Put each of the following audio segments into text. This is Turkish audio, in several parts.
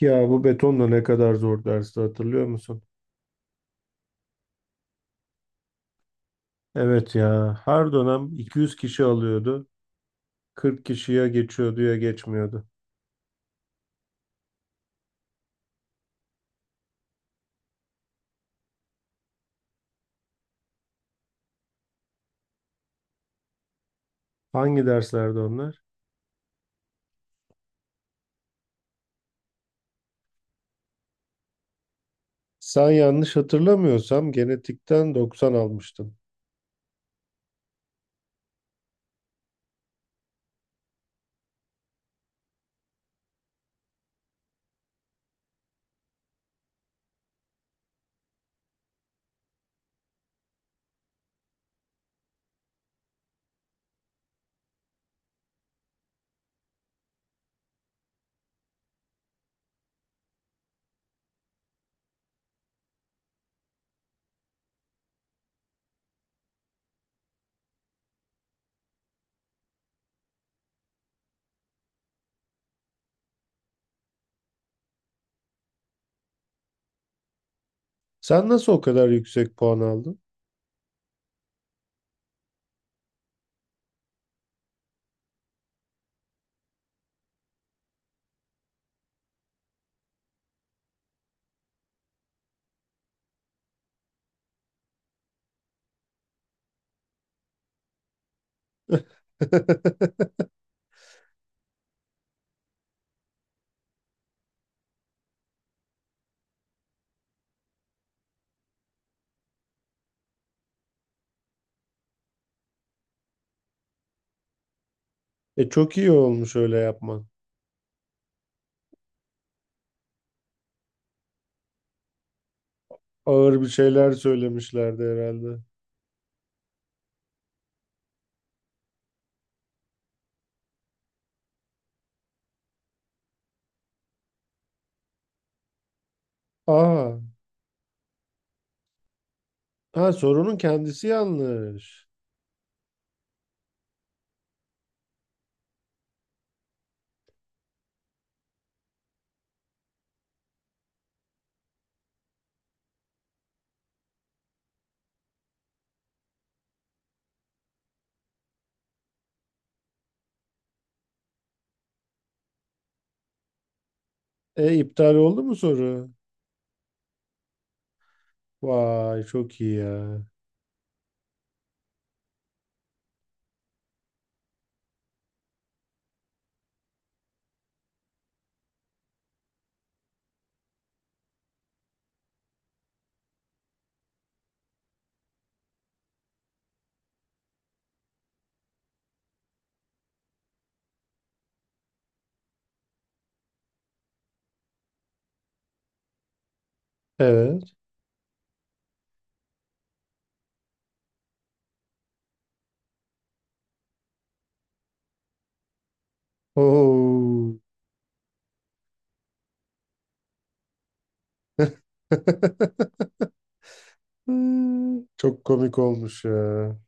Ya bu betonla ne kadar zor dersi hatırlıyor musun? Evet ya her dönem 200 kişi alıyordu. 40 kişiye geçiyordu ya geçmiyordu. Hangi derslerde onlar? Sen yanlış hatırlamıyorsam genetikten 90 almıştın. Sen nasıl o kadar yüksek puan aldın? E çok iyi olmuş öyle yapman. Ağır bir şeyler söylemişlerdi herhalde. Aa, ha sorunun kendisi yanlış. E iptal oldu mu soru? Vay çok iyi ya. Evet. Oo. Çok komik olmuş ya.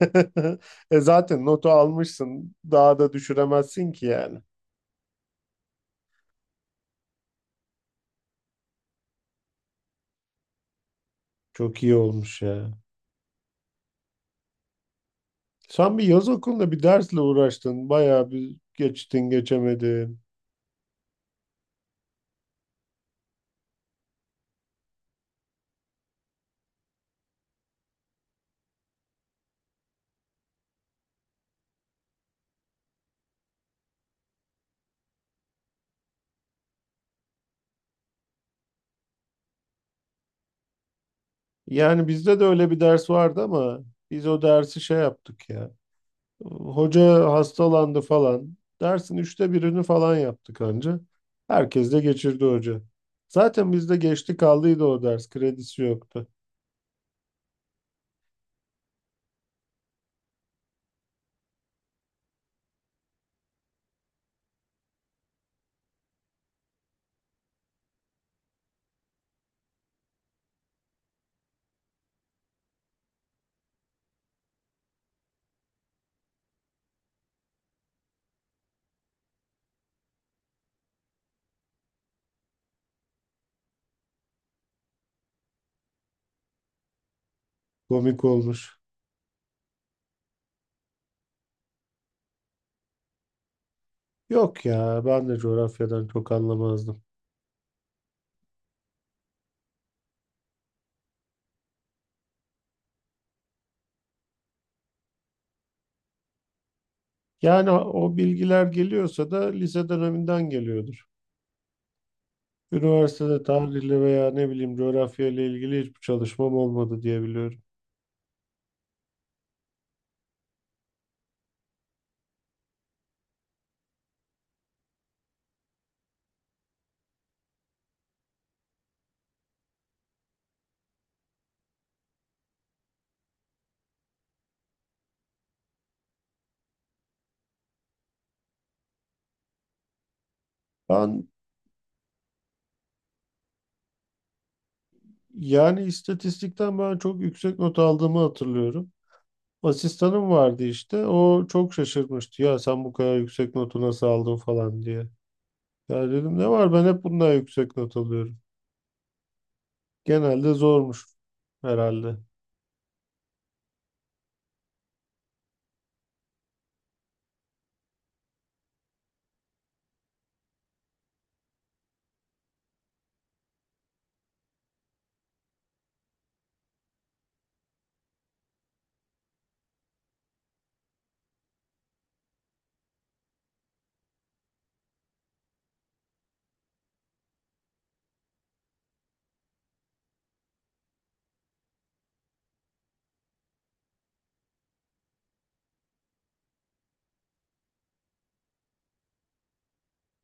E zaten notu almışsın. Daha da düşüremezsin ki yani. Çok iyi olmuş ya. Sen bir yaz okulunda bir dersle uğraştın. Bayağı bir geçtin geçemedin. Yani bizde de öyle bir ders vardı ama biz o dersi şey yaptık ya. Hoca hastalandı falan. Dersin üçte birini falan yaptık anca. Herkes de geçirdi hoca. Zaten bizde geçti kaldıydı o ders. Kredisi yoktu. Komik olmuş. Yok ya ben de coğrafyadan çok anlamazdım. Yani o bilgiler geliyorsa da lise döneminden geliyordur. Üniversitede tarihle veya ne bileyim coğrafya ile ilgili hiçbir çalışmam olmadı diye biliyorum. Ben yani istatistikten ben çok yüksek not aldığımı hatırlıyorum. Asistanım vardı işte. O çok şaşırmıştı. Ya sen bu kadar yüksek notu nasıl aldın falan diye. Ya dedim ne var ben hep bundan yüksek not alıyorum. Genelde zormuş herhalde.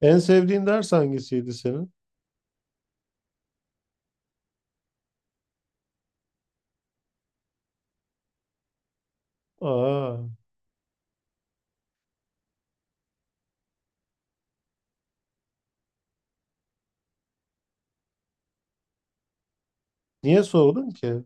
En sevdiğin ders hangisiydi senin? Aa, niye sordun ki?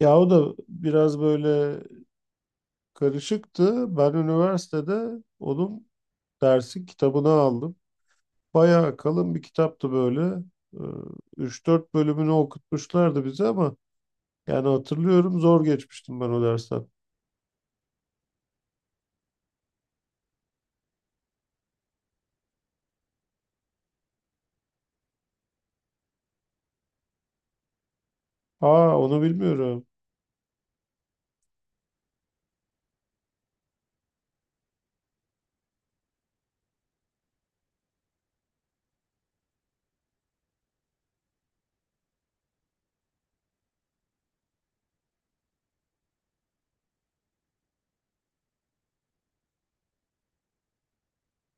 Ya o da biraz böyle karışıktı. Ben üniversitede onun dersi kitabını aldım. Bayağı kalın bir kitaptı böyle. Ee, 3-4 bölümünü okutmuşlardı bize ama yani hatırlıyorum zor geçmiştim ben o dersten. Aa onu bilmiyorum.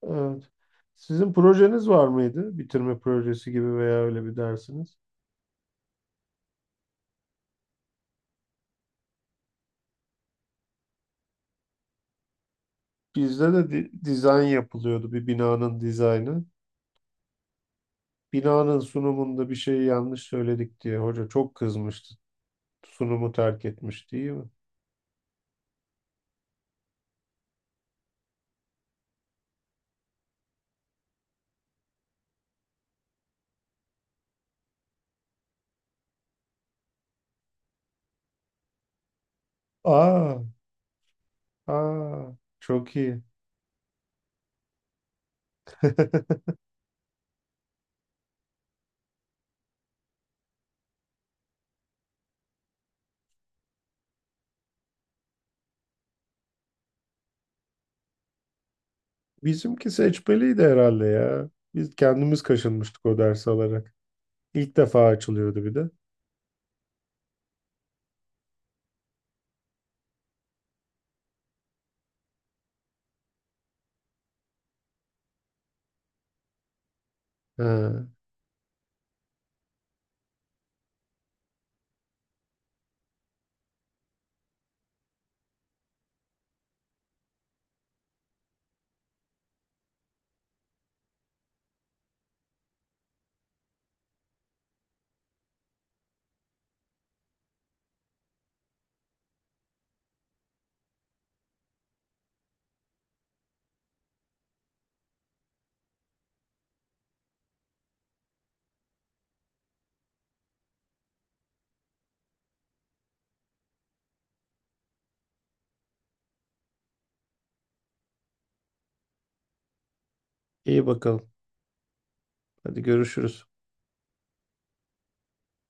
Evet. Sizin projeniz var mıydı? Bitirme projesi gibi veya öyle bir dersiniz. Bizde de dizayn yapılıyordu bir binanın dizaynı. Binanın sunumunda bir şeyi yanlış söyledik diye hoca çok kızmıştı. Sunumu terk etmiş değil mi? Aa, aa çok iyi. Bizimki seçmeliydi herhalde ya. Biz kendimiz kaşınmıştık o ders alarak. İlk defa açılıyordu bir de. Ha, iyi bakalım. Hadi görüşürüz.